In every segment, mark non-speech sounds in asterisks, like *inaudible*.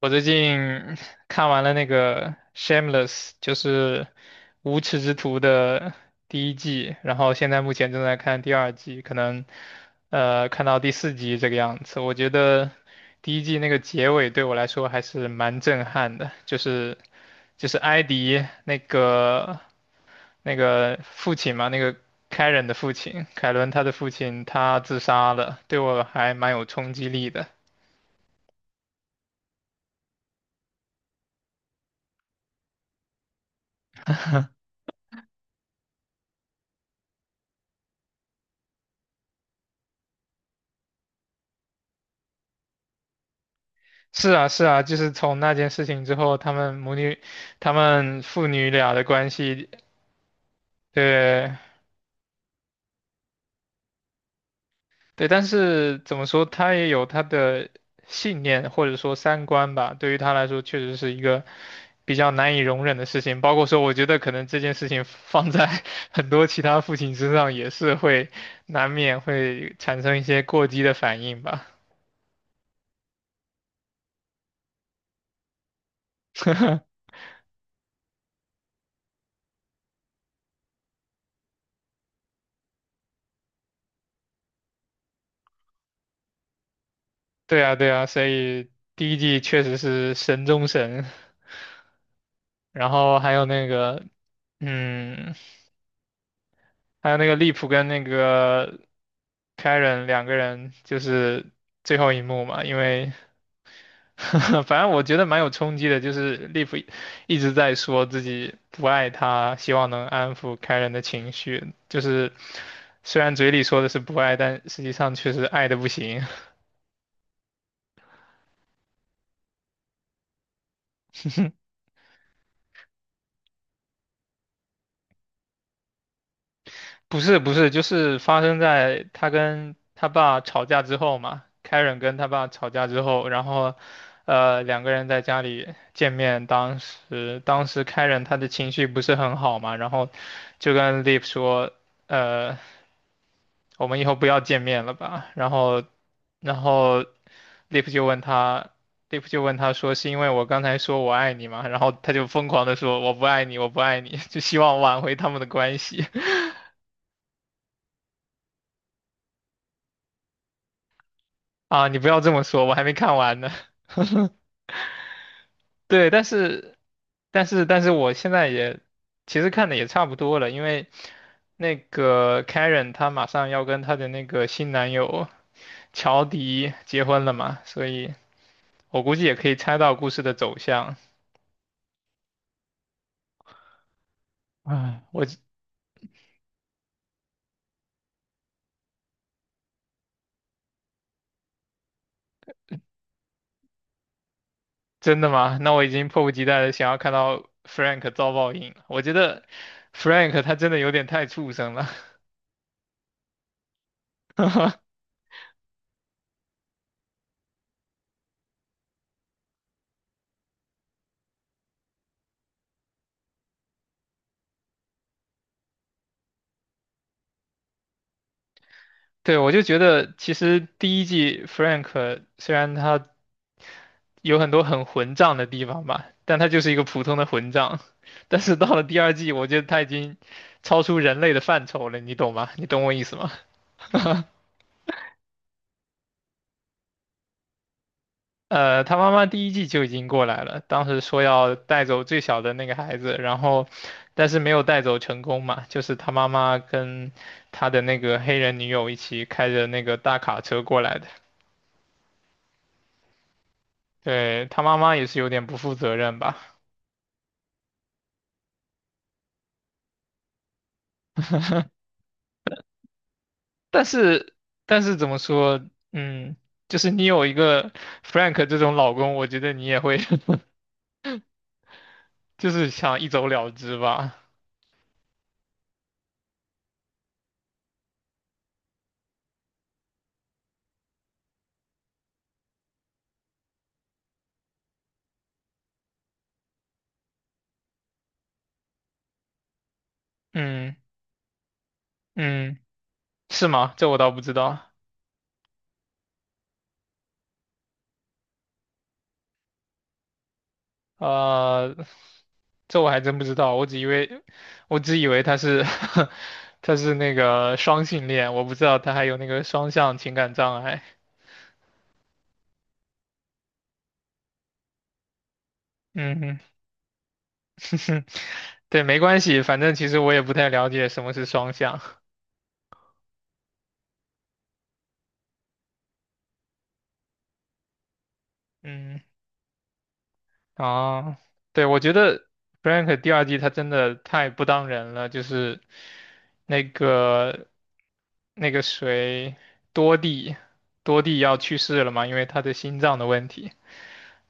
我最近 *laughs* 看完了那个《Shameless》，就是《无耻之徒》的第一季，然后现在目前正在看第二季，可能看到第四集这个样子。我觉得第一季那个结尾对我来说还是蛮震撼的，就是埃迪那个父亲嘛，凯伦他的父亲他自杀了，对我还蛮有冲击力的。是啊，是啊，就是从那件事情之后，他们父女俩的关系，对对，但是怎么说，他也有他的信念或者说三观吧，对于他来说，确实是一个比较难以容忍的事情。包括说，我觉得可能这件事情放在 *laughs* 很多其他父亲身上，也是会难免会产生一些过激的反应吧。对啊，对啊，所以第一季确实是神中神。然后还有那个，嗯，还有那个利普跟那个凯 a 两个人，就是最后一幕嘛，因为 *laughs* 反正我觉得蛮有冲击的，就是利普一直在说自己不爱他，希望能安抚凯 a 的情绪，就是虽然嘴里说的是不爱，但实际上确实爱的不行。*laughs* 不是不是，就是发生在他跟他爸吵架之后嘛。Karen 跟他爸吵架之后，然后，两个人在家里见面。当时 Karen 他的情绪不是很好嘛，然后就跟 Liv 说，呃，我们以后不要见面了吧。然后 Liv 就问他。Liv 就问他说：“是因为我刚才说我爱你嘛？然后他就疯狂的说：“我不爱你，我不爱你。*laughs*”就希望挽回他们的关系。啊，你不要这么说，我还没看完呢。*laughs* 对，但是我现在也其实看的也差不多了，因为那个 Karen 她马上要跟她的那个新男友乔迪结婚了嘛，所以我估计也可以猜到故事的走向。唉，我真的吗？那我已经迫不及待的想要看到 Frank 遭报应了。我觉得 Frank 他真的有点太畜生了。*laughs* 对，我就觉得其实第一季 Frank 虽然他有很多很混账的地方吧，但他就是一个普通的混账。*laughs* 但是到了第二季，我觉得他已经超出人类的范畴了，你懂吗？你懂我意思吗？他妈妈第一季就已经过来了，当时说要带走最小的那个孩子，但是没有带走成功嘛，就是他妈妈跟他的那个黑人女友一起开着那个大卡车过来的。对，他妈妈也是有点不负责任吧。但是但是怎么说，嗯，就是你有一个 Frank 这种老公，我觉得你也会 *laughs* 就是想一走了之吧。嗯嗯，是吗？这我倒不知道。呃，这我还真不知道，我只以为他是 *laughs* 他是那个双性恋，我不知道他还有那个双向情感障碍。嗯哼，*laughs* 对，没关系，反正其实我也不太了解什么是双向。嗯。啊，对，我觉得 Frank 第二季他真的太不当人了，就是那个那个谁多蒂，多蒂要去世了嘛，因为他的心脏的问题，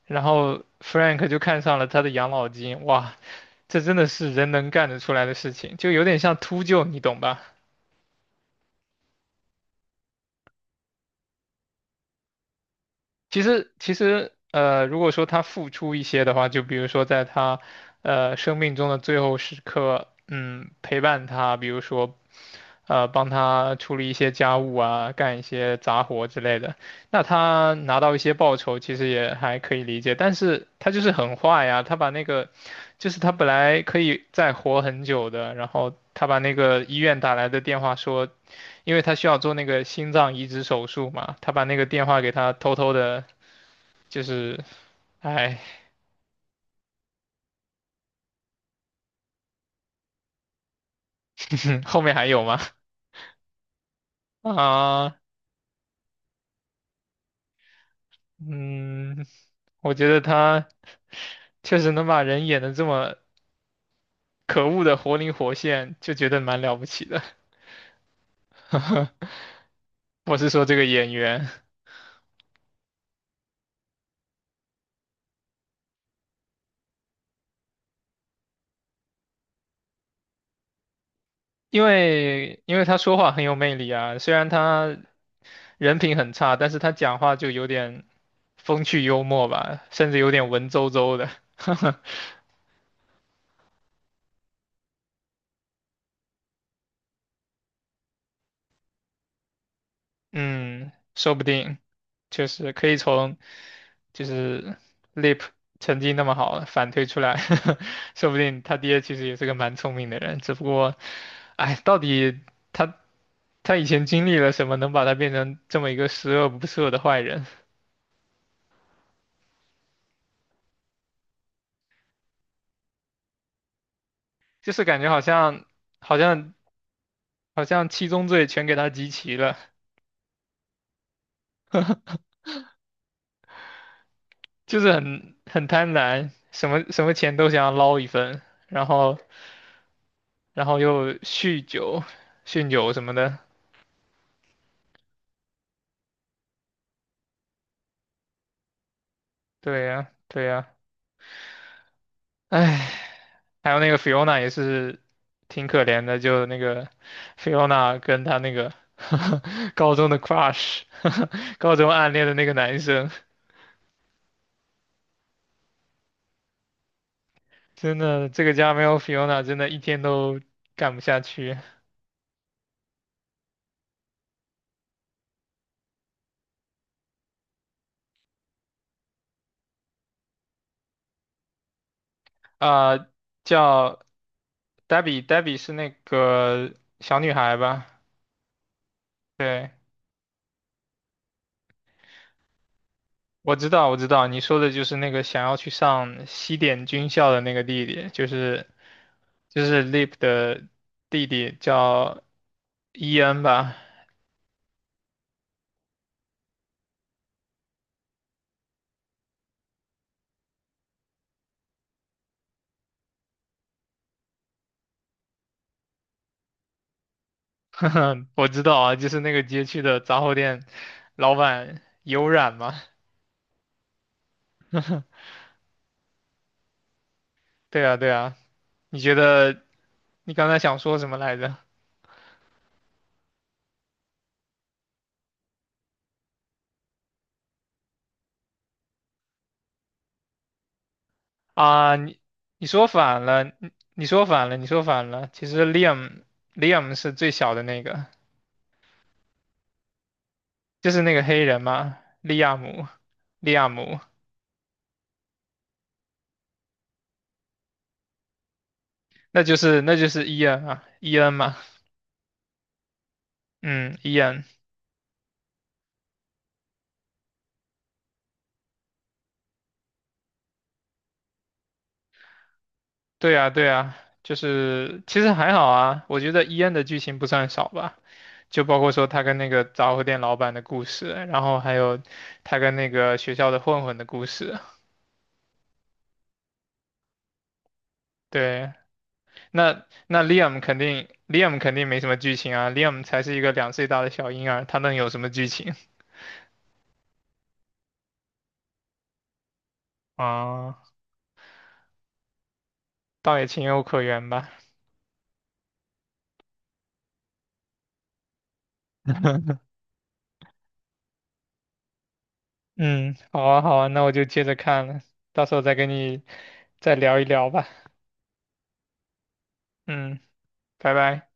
然后 Frank 就看上了他的养老金，哇，这真的是人能干得出来的事情，就有点像秃鹫，你懂吧？其实，如果说他付出一些的话，就比如说在他生命中的最后时刻，陪伴他，比如说帮他处理一些家务啊，干一些杂活之类的，那他拿到一些报酬，其实也还可以理解。但是他就是很坏呀，他把那个就是他本来可以再活很久的，然后他把那个医院打来的电话说。因为他需要做那个心脏移植手术嘛，他把那个电话给他偷偷的就是，哎，*laughs* 后面还有吗？*laughs* 啊，嗯，我觉得他确实能把人演的这么可恶的活灵活现，就觉得蛮了不起的。我是说这个演员，因为他说话很有魅力啊，虽然他人品很差，但是他讲话就有点风趣幽默吧，甚至有点文绉绉的。*laughs* 嗯，说不定确实可以就是 Lip 成绩那么好反推出来，*laughs* 说不定他爹其实也是个蛮聪明的人，只不过，哎，到底他他以前经历了什么，能把他变成这么一个十恶不赦的坏人？就是感觉好像好像好像七宗罪全给他集齐了，就是很贪婪，什么钱都想要捞一份，然后然后又酗酒什么的。对呀，对呀，哎，还有那个 Fiona 也是挺可怜的，就那个 Fiona 跟她那个 *laughs* 高中的 crush，*laughs* 高中暗恋的那个男生，真的这个家没有 Fiona，真的一天都干不下去。啊、叫 Debbie，Debbie 是那个小女孩吧？对，我知道，我知道，你说的就是那个想要去上西点军校的那个弟弟，就是 Lip 的弟弟叫伊恩吧，*laughs* 我知道啊，就是那个街区的杂货店老板有染嘛。对啊，对啊，你觉得你刚才想说什么来着？啊，你说反了，你说反了，你说反了。其实 Liam 是最小的那个，就是那个黑人嘛，利亚姆，那就是伊恩啊，伊恩嘛，嗯，伊恩。对呀，对呀，就是其实还好啊，我觉得伊恩的剧情不算少吧，就包括说他跟那个杂货店老板的故事，然后还有他跟那个学校的混混的故事。对，那 Liam 肯定没什么剧情啊，Liam 才是一个2岁大的小婴儿，他能有什么剧情 *laughs* 啊？倒也情有可原吧。嗯，好啊，好啊，那我就接着看了，到时候再跟你再聊一聊吧。嗯，拜拜。